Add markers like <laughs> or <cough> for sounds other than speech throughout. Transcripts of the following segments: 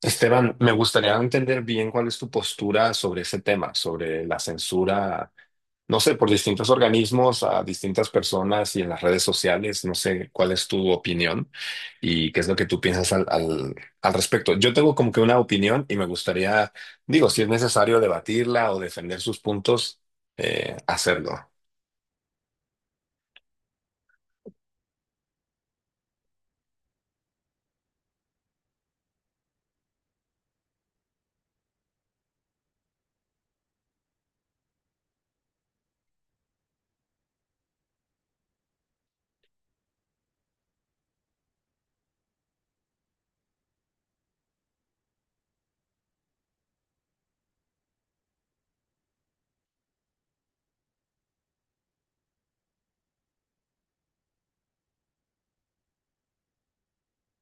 Esteban, me gustaría entender bien cuál es tu postura sobre ese tema, sobre la censura, no sé, por distintos organismos a distintas personas y en las redes sociales. No sé cuál es tu opinión y qué es lo que tú piensas al respecto. Yo tengo como que una opinión y me gustaría, digo, si es necesario debatirla o defender sus puntos, hacerlo.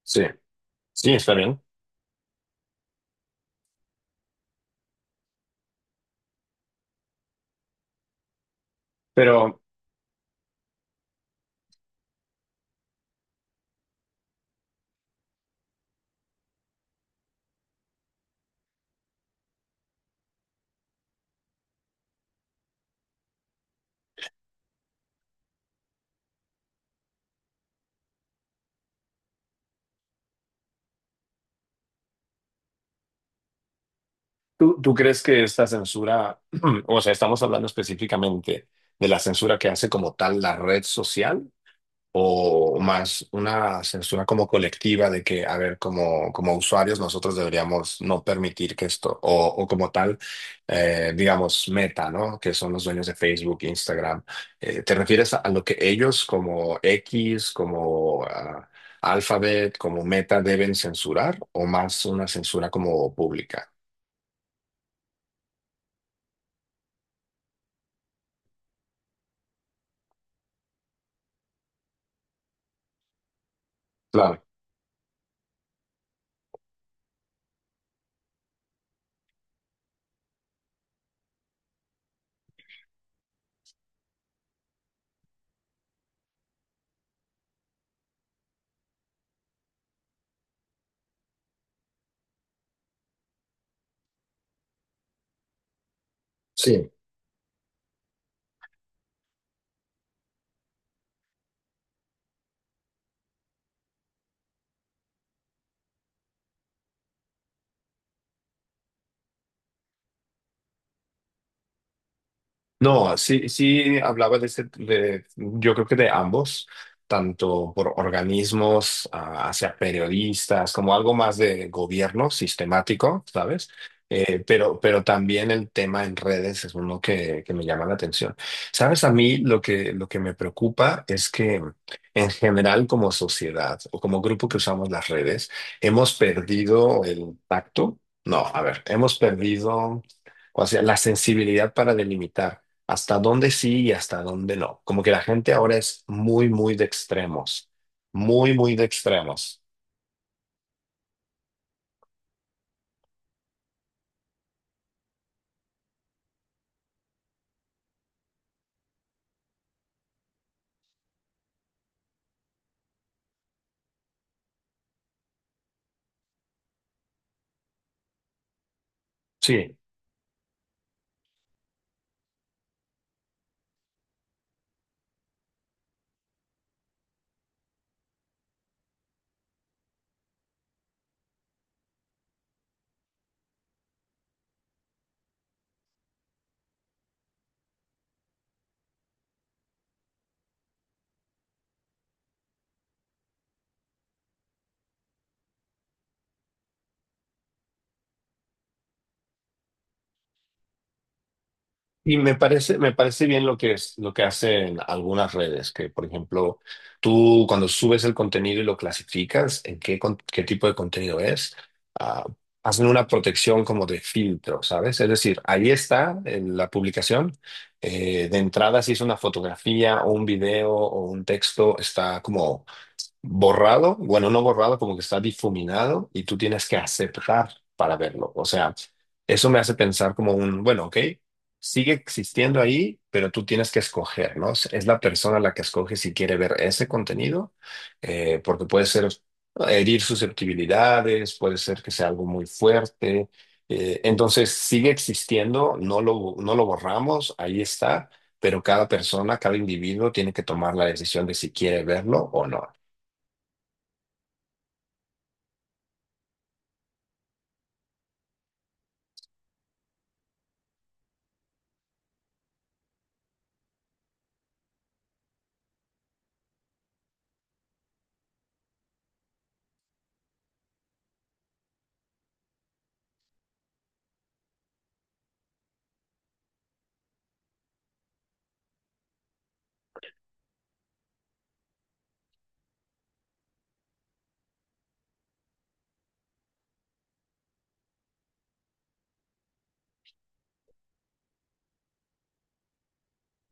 Sí, sí, está bien. Pero ¿tú crees que esta censura, <clears throat> o sea, estamos hablando específicamente de la censura que hace como tal la red social o más una censura como colectiva de que, a ver, como, como usuarios nosotros deberíamos no permitir que esto, o como tal, digamos, Meta, ¿no? Que son los dueños de Facebook, Instagram. ¿Te refieres a lo que ellos como X, como... Alphabet como Meta deben censurar o más una censura como pública? Claro. Sí, no, sí, sí hablaba de ese, de- yo creo que de ambos, tanto por organismos, hacia periodistas, como algo más de gobierno sistemático, ¿sabes? Pero también el tema en redes es uno que me llama la atención. ¿Sabes? A mí lo que me preocupa es que en general como sociedad o como grupo que usamos las redes, hemos perdido el tacto. No, a ver, hemos perdido, o sea, la sensibilidad para delimitar hasta dónde sí y hasta dónde no. Como que la gente ahora es muy, muy de extremos, muy, muy de extremos. Sí, y me parece bien lo que es, lo que hacen algunas redes, que por ejemplo, tú cuando subes el contenido y lo clasificas, en qué, con- qué tipo de contenido es, ah, hacen una protección como de filtro, ¿sabes? Es decir, ahí está en la publicación. De entrada, si es una fotografía o un video o un texto, está como borrado, bueno, no borrado, como que está difuminado y tú tienes que aceptar para verlo. O sea, eso me hace pensar como un, bueno, ok, sigue existiendo ahí, pero tú tienes que escoger, ¿no? Es la persona la que escoge si quiere ver ese contenido, porque puede ser herir susceptibilidades, puede ser que sea algo muy fuerte. Entonces, sigue existiendo, no lo borramos, ahí está, pero cada persona, cada individuo tiene que tomar la decisión de si quiere verlo o no.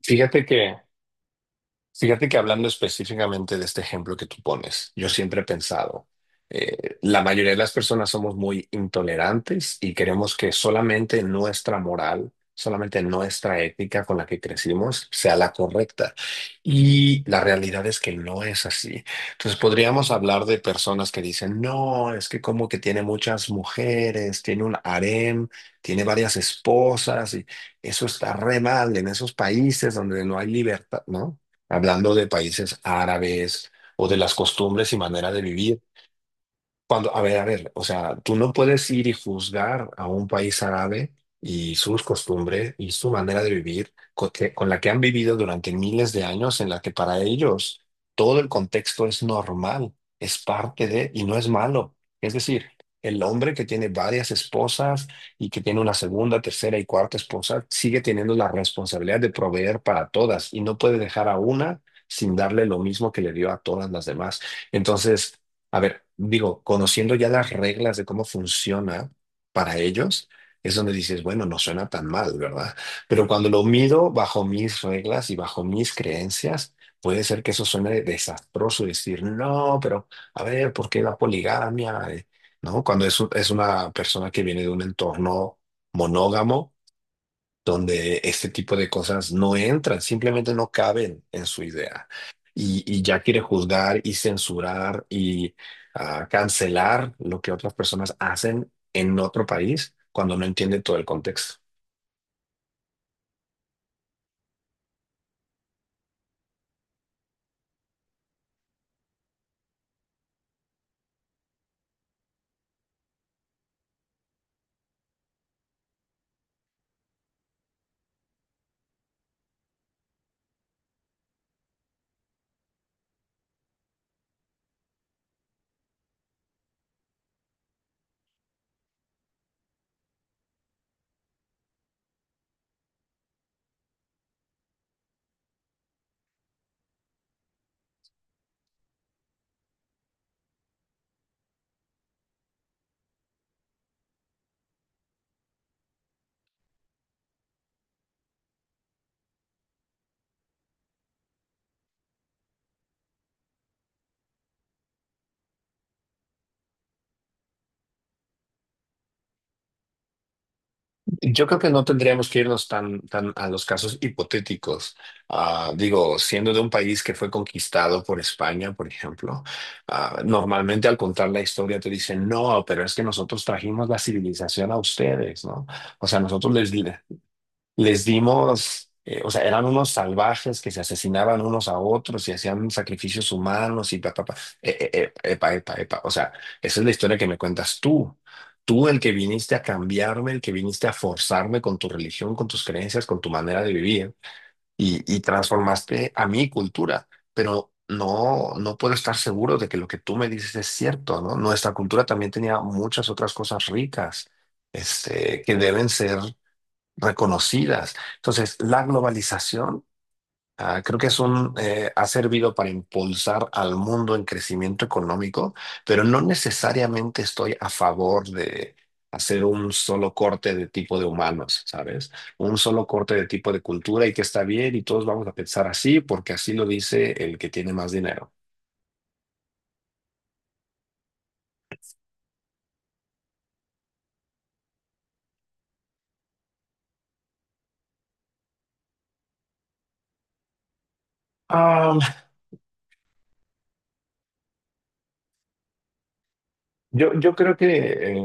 Fíjate que, Fíjate que hablando específicamente de este ejemplo que tú pones, yo siempre he pensado, la mayoría de las personas somos muy intolerantes y queremos que solamente nuestra moral, solamente nuestra ética con la que crecimos sea la correcta. Y la realidad es que no es así. Entonces podríamos hablar de personas que dicen, no, es que como que tiene muchas mujeres, tiene un harem, tiene varias esposas y eso está re mal en esos países donde no hay libertad, ¿no? Hablando de países árabes o de las costumbres y manera de vivir. Cuando, a ver, o sea, tú no puedes ir y juzgar a un país árabe y sus costumbres y su manera de vivir la que han vivido durante miles de años, en la que para ellos todo el contexto es normal, es parte de y no es malo. Es decir, el hombre que tiene varias esposas y que tiene una segunda, tercera y cuarta esposa sigue teniendo la responsabilidad de proveer para todas y no puede dejar a una sin darle lo mismo que le dio a todas las demás. Entonces, a ver, digo, conociendo ya las reglas de cómo funciona para ellos, es donde dices, bueno, no suena tan mal, ¿verdad? Pero cuando lo mido bajo mis reglas y bajo mis creencias, puede ser que eso suene desastroso y decir, no, pero a ver, ¿por qué la poligamia? ¿No? Cuando es, es una persona que viene de un entorno monógamo donde este tipo de cosas no entran, simplemente no caben en su idea. Y ya quiere juzgar y censurar y cancelar lo que otras personas hacen en otro país cuando no entiende todo el contexto. Yo creo que no tendríamos que irnos tan, tan a los casos hipotéticos. Digo, siendo de un país que fue conquistado por España, por ejemplo, normalmente al contar la historia te dicen, no, pero es que nosotros trajimos la civilización a ustedes, ¿no? O sea, les dimos, o sea, eran unos salvajes que se asesinaban unos a otros y hacían sacrificios humanos y pa, pa, pa. Epa, epa, epa. O sea, esa es la historia que me cuentas tú. Tú, el que viniste a cambiarme, el que viniste a forzarme con tu religión, con tus creencias, con tu manera de vivir y transformaste a mi cultura. Pero no, no puedo estar seguro de que lo que tú me dices es cierto, ¿no? Nuestra cultura también tenía muchas otras cosas ricas, este, que deben ser reconocidas. Entonces, la globalización, creo que ha servido para impulsar al mundo en crecimiento económico, pero no necesariamente estoy a favor de hacer un solo corte de tipo de humanos, ¿sabes? Un solo corte de tipo de cultura y que está bien y todos vamos a pensar así porque así lo dice el que tiene más dinero. Yo creo que,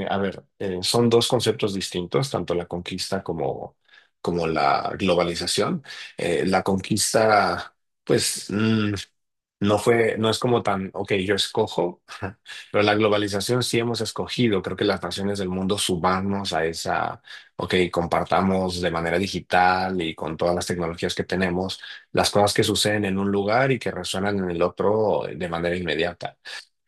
a ver, son dos conceptos distintos, tanto la conquista como, como la globalización. La conquista, pues, no fue, no es como tan, ok, yo escojo, <laughs> pero la globalización sí hemos escogido. Creo que las naciones del mundo subamos a esa, ok, compartamos de manera digital y con todas las tecnologías que tenemos, las cosas que suceden en un lugar y que resuenan en el otro de manera inmediata.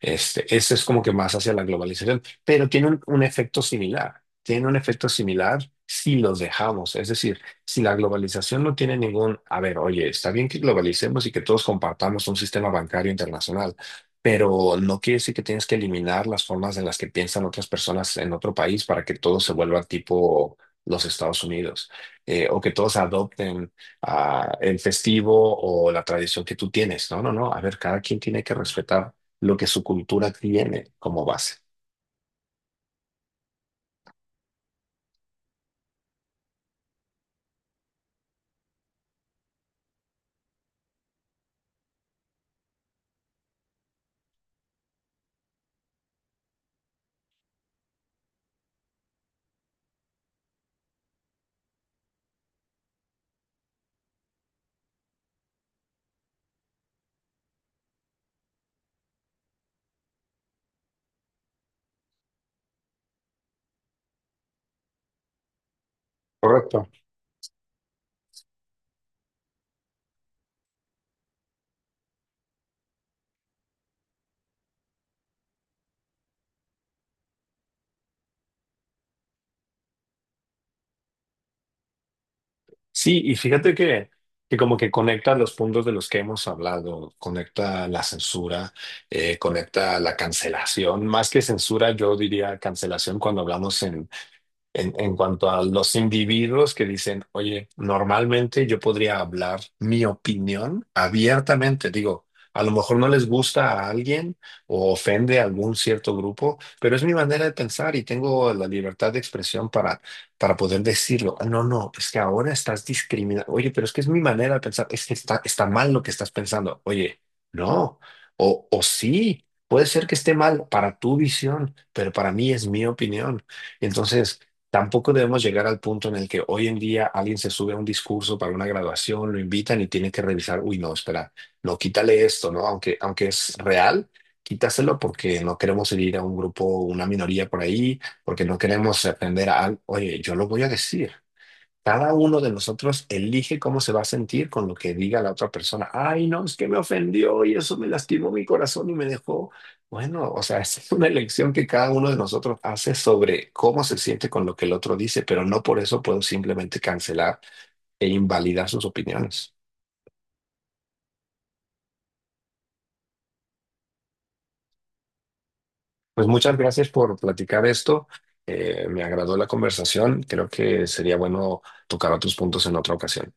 Este, ese es como que más hacia la globalización, pero tiene un efecto similar. Tiene un efecto similar si los dejamos. Es decir, si la globalización no tiene ningún, a ver, oye, está bien que globalicemos y que todos compartamos un sistema bancario internacional, pero no quiere decir que tienes que eliminar las formas en las que piensan otras personas en otro país para que todo se vuelva tipo los Estados Unidos, o que todos adopten el festivo o la tradición que tú tienes. No, no, no. A ver, cada quien tiene que respetar lo que su cultura tiene como base. Correcto. Sí, y fíjate que como que conecta los puntos de los que hemos hablado, conecta la censura, conecta la cancelación, más que censura, yo diría cancelación cuando hablamos en cuanto a los individuos que dicen, oye, normalmente yo podría hablar mi opinión abiertamente, digo, a lo mejor no les gusta a alguien o ofende a algún cierto grupo, pero es mi manera de pensar y tengo la libertad de expresión para poder decirlo. "Ah, no, no, es que ahora estás discriminando. Oye, pero es que es mi manera de pensar, es que está, está mal lo que estás pensando. Oye, no, o sí. Puede ser que esté mal para tu visión, pero para mí es mi opinión. Entonces, tampoco debemos llegar al punto en el que hoy en día alguien se sube a un discurso para una graduación, lo invitan y tiene que revisar, uy, no, espera, no, quítale esto, ¿no? Aunque, aunque es real, quítaselo porque no queremos herir a un grupo, una minoría por ahí, porque no queremos ofender a alguien. Oye, yo lo voy a decir. Cada uno de nosotros elige cómo se va a sentir con lo que diga la otra persona. Ay, no, es que me ofendió y eso me lastimó mi corazón y me dejó. Bueno, o sea, <laughs> esa es una elección que cada uno de nosotros hace sobre cómo se siente con lo que el otro dice, pero no por eso puedo simplemente cancelar e invalidar sus opiniones. Pues muchas gracias por platicar esto. Me agradó la conversación. Creo que sería bueno tocar otros puntos en otra ocasión.